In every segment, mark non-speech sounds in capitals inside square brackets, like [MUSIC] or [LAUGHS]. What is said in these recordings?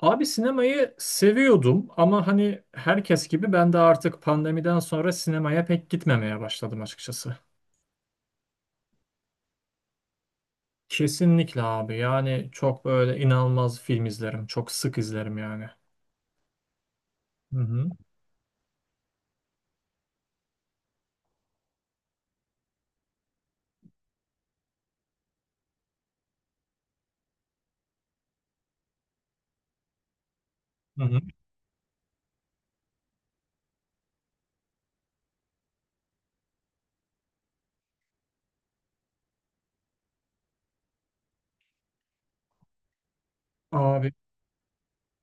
Abi sinemayı seviyordum ama hani herkes gibi ben de artık pandemiden sonra sinemaya pek gitmemeye başladım açıkçası. Kesinlikle abi, yani çok böyle inanılmaz film izlerim. Çok sık izlerim yani. Hı hı. Hı hı. Abi,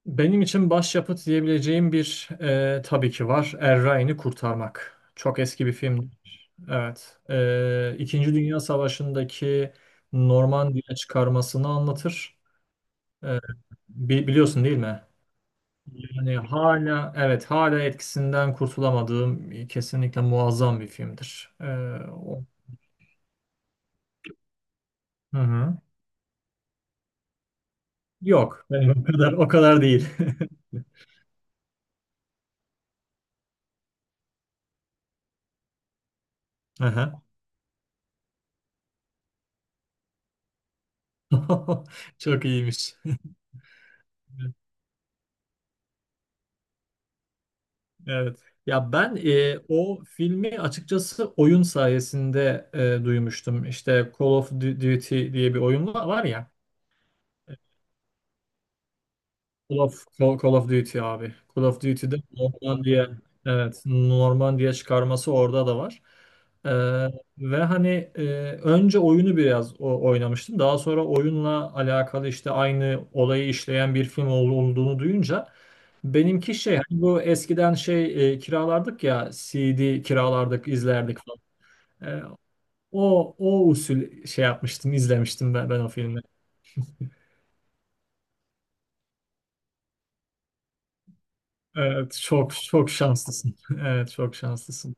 benim için başyapıt diyebileceğim bir tabii ki var. Er Ryan'ı Kurtarmak. Çok eski bir film. Evet. İkinci Dünya Savaşı'ndaki Normandiya çıkarmasını anlatır. E, biliyorsun değil mi? Yani hala, evet, hala etkisinden kurtulamadığım, kesinlikle muazzam bir filmdir. O- hı hı. Yok, benim o kadar değil. [LAUGHS] Aha. [LAUGHS] Çok iyiymiş. Evet. Ya ben o filmi açıkçası oyun sayesinde duymuştum. İşte Call of Duty diye bir oyun var ya. Call of Duty abi. Call of Duty'de Normandiya, evet, Normandiya çıkarması orada da var. Ee, Ve hani e, önce oyunu biraz oynamıştım. Daha sonra oyunla alakalı, işte aynı olayı işleyen bir film olduğunu duyunca benimki şey, hani bu eskiden şey, kiralardık ya, CD kiralardık, izlerdik falan. Ee, O o usul şey yapmıştım, izlemiştim ben, o filmi. Evet, çok çok şanslısın. [LAUGHS] Evet, çok şanslısın.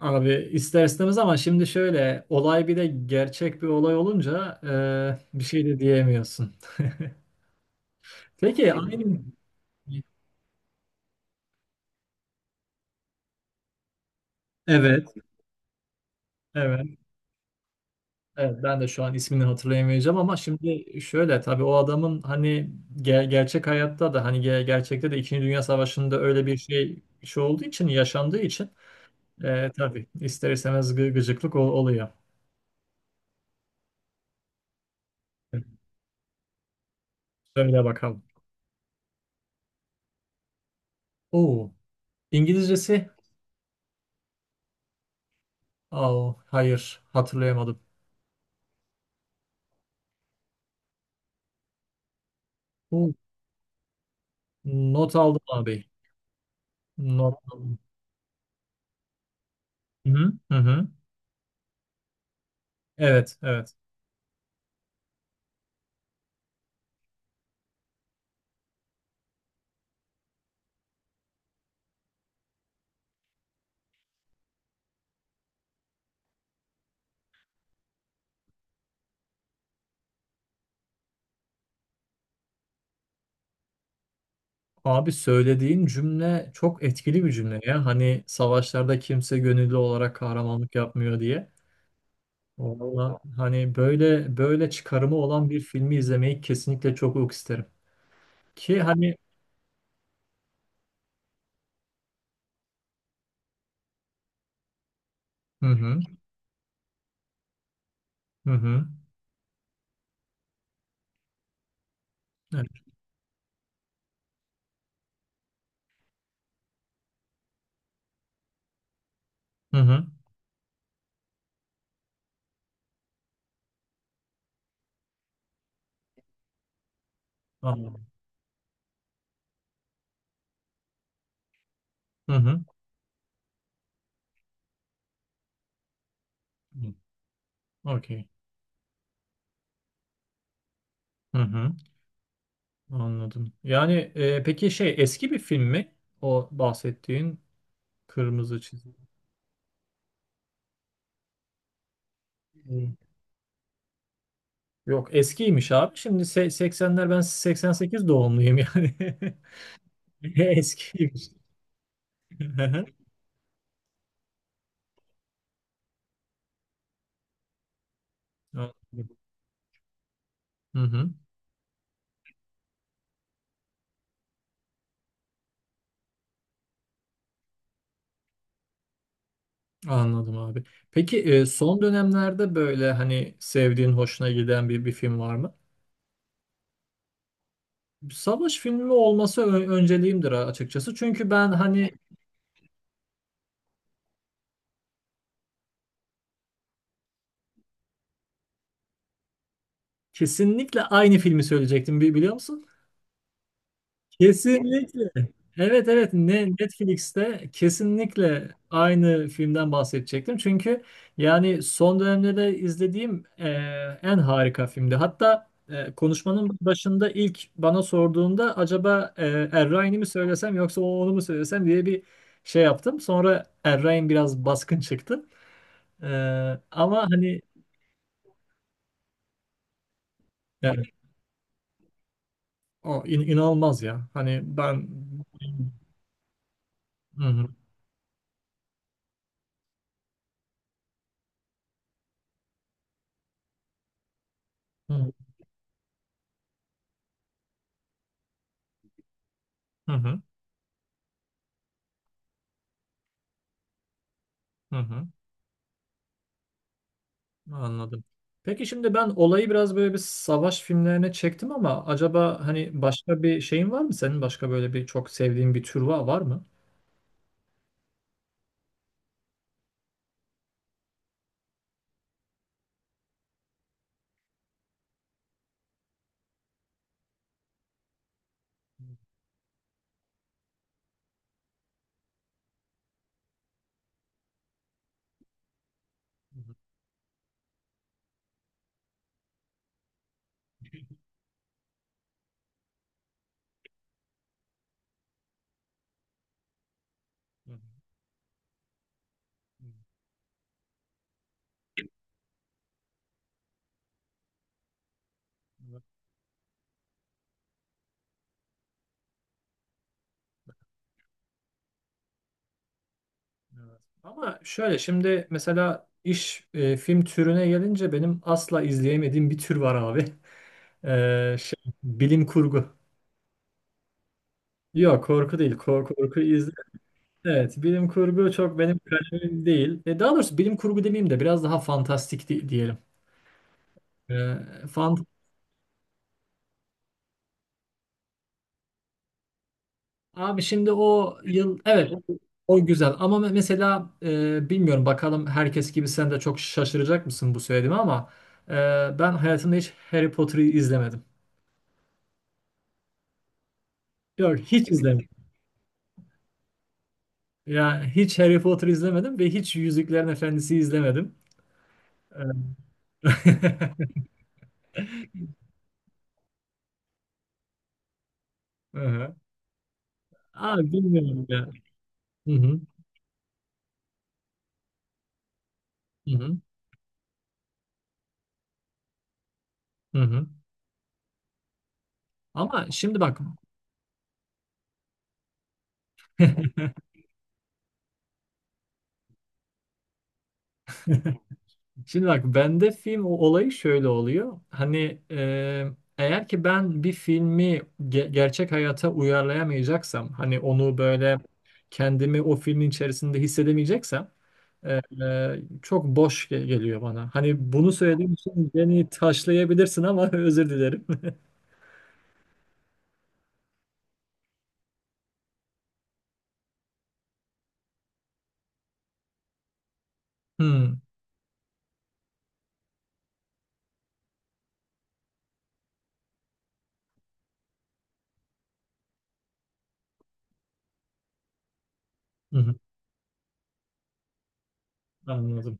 Abi ister istemez, ama şimdi şöyle, olay bir de gerçek bir olay olunca bir şey de diyemiyorsun. [LAUGHS] Peki aynı. Evet, evet, evet. Ben de şu an ismini hatırlayamayacağım, ama şimdi şöyle, tabii o adamın hani gerçek hayatta da hani gerçekte de İkinci Dünya Savaşı'nda öyle bir şey, şey olduğu için, yaşandığı için tabii ister istemez gıcıklık oluyor. Söyle bakalım. Oo, İngilizcesi? Aa, hayır, hatırlayamadım. Not aldım abi. Not aldım. Hı hı, hı hı. Evet, evet. Abi, söylediğin cümle çok etkili bir cümle ya. Hani savaşlarda kimse gönüllü olarak kahramanlık yapmıyor diye. Valla hani böyle, böyle çıkarımı olan bir filmi izlemeyi kesinlikle çok çok isterim. Ki hani, hı hı, hı hı, evet, hı hı, anladım. Hı hı. Hı. Okey. Hı hı, anladım. Yani, peki şey, eski bir film mi? O bahsettiğin kırmızı çizgi. Yok, eskiymiş abi. Şimdi 80'ler, ben 88 doğumluyum yani. [LAUGHS] Eskiymiş. Hı hı. Hı hı, anladım abi. Peki son dönemlerde böyle hani sevdiğin, hoşuna giden bir film var mı? Savaş filmi olması önceliğimdir açıkçası. Çünkü ben hani kesinlikle aynı filmi söyleyecektim, biliyor musun? Kesinlikle. Evet, evet, Netflix'te kesinlikle aynı filmden bahsedecektim. Çünkü yani son dönemde de izlediğim en harika filmdi. Hatta konuşmanın başında ilk bana sorduğunda acaba Er Ryan'i mi söylesem yoksa onu mu söylesem diye bir şey yaptım. Sonra Er Ryan biraz baskın çıktı. E, Ama hani, yani, o inanılmaz ya. Hani ben... Hı hı. Hı hı. Hı hı. Hı hı. Anladım. Peki şimdi ben olayı biraz böyle bir savaş filmlerine çektim, ama acaba hani başka bir şeyin var mı senin? Başka böyle bir çok sevdiğin bir tür var, var mı? Hı hı, hı hı, hı. Evet, evet. Ama şöyle şimdi mesela iş, film türüne gelince benim asla izleyemediğim bir tür var abi. [LAUGHS] Bilim kurgu. Yok, korku değil. Korku izlerim. Evet, bilim kurgu çok benim kalemim değil. Daha doğrusu bilim kurgu demeyeyim de biraz daha fantastik diyelim. E, fant Abi şimdi o yıl, evet, o o güzel, ama mesela bilmiyorum, bakalım herkes gibi sen de çok şaşıracak mısın bu söylediğime, ama ben hayatımda hiç Harry Potter'ı izlemedim. Yok, hiç izlemedim. Yani hiç Harry Potter izlemedim ve hiç Yüzüklerin Efendisi izlemedim. E, [LAUGHS] Hı hı. Abi bilmiyorum ya. Hı hı, hı hı, hı hı. Ama şimdi bak Şimdi bak, bende film, o olayı şöyle oluyor. Hani eğer ki ben bir filmi gerçek hayata uyarlayamayacaksam, hani onu böyle kendimi o filmin içerisinde hissedemeyeceksem e, çok boş geliyor bana. Hani bunu söylediğim için beni taşlayabilirsin ama [LAUGHS] özür dilerim. [LAUGHS] Hmm, hı hı, anladım.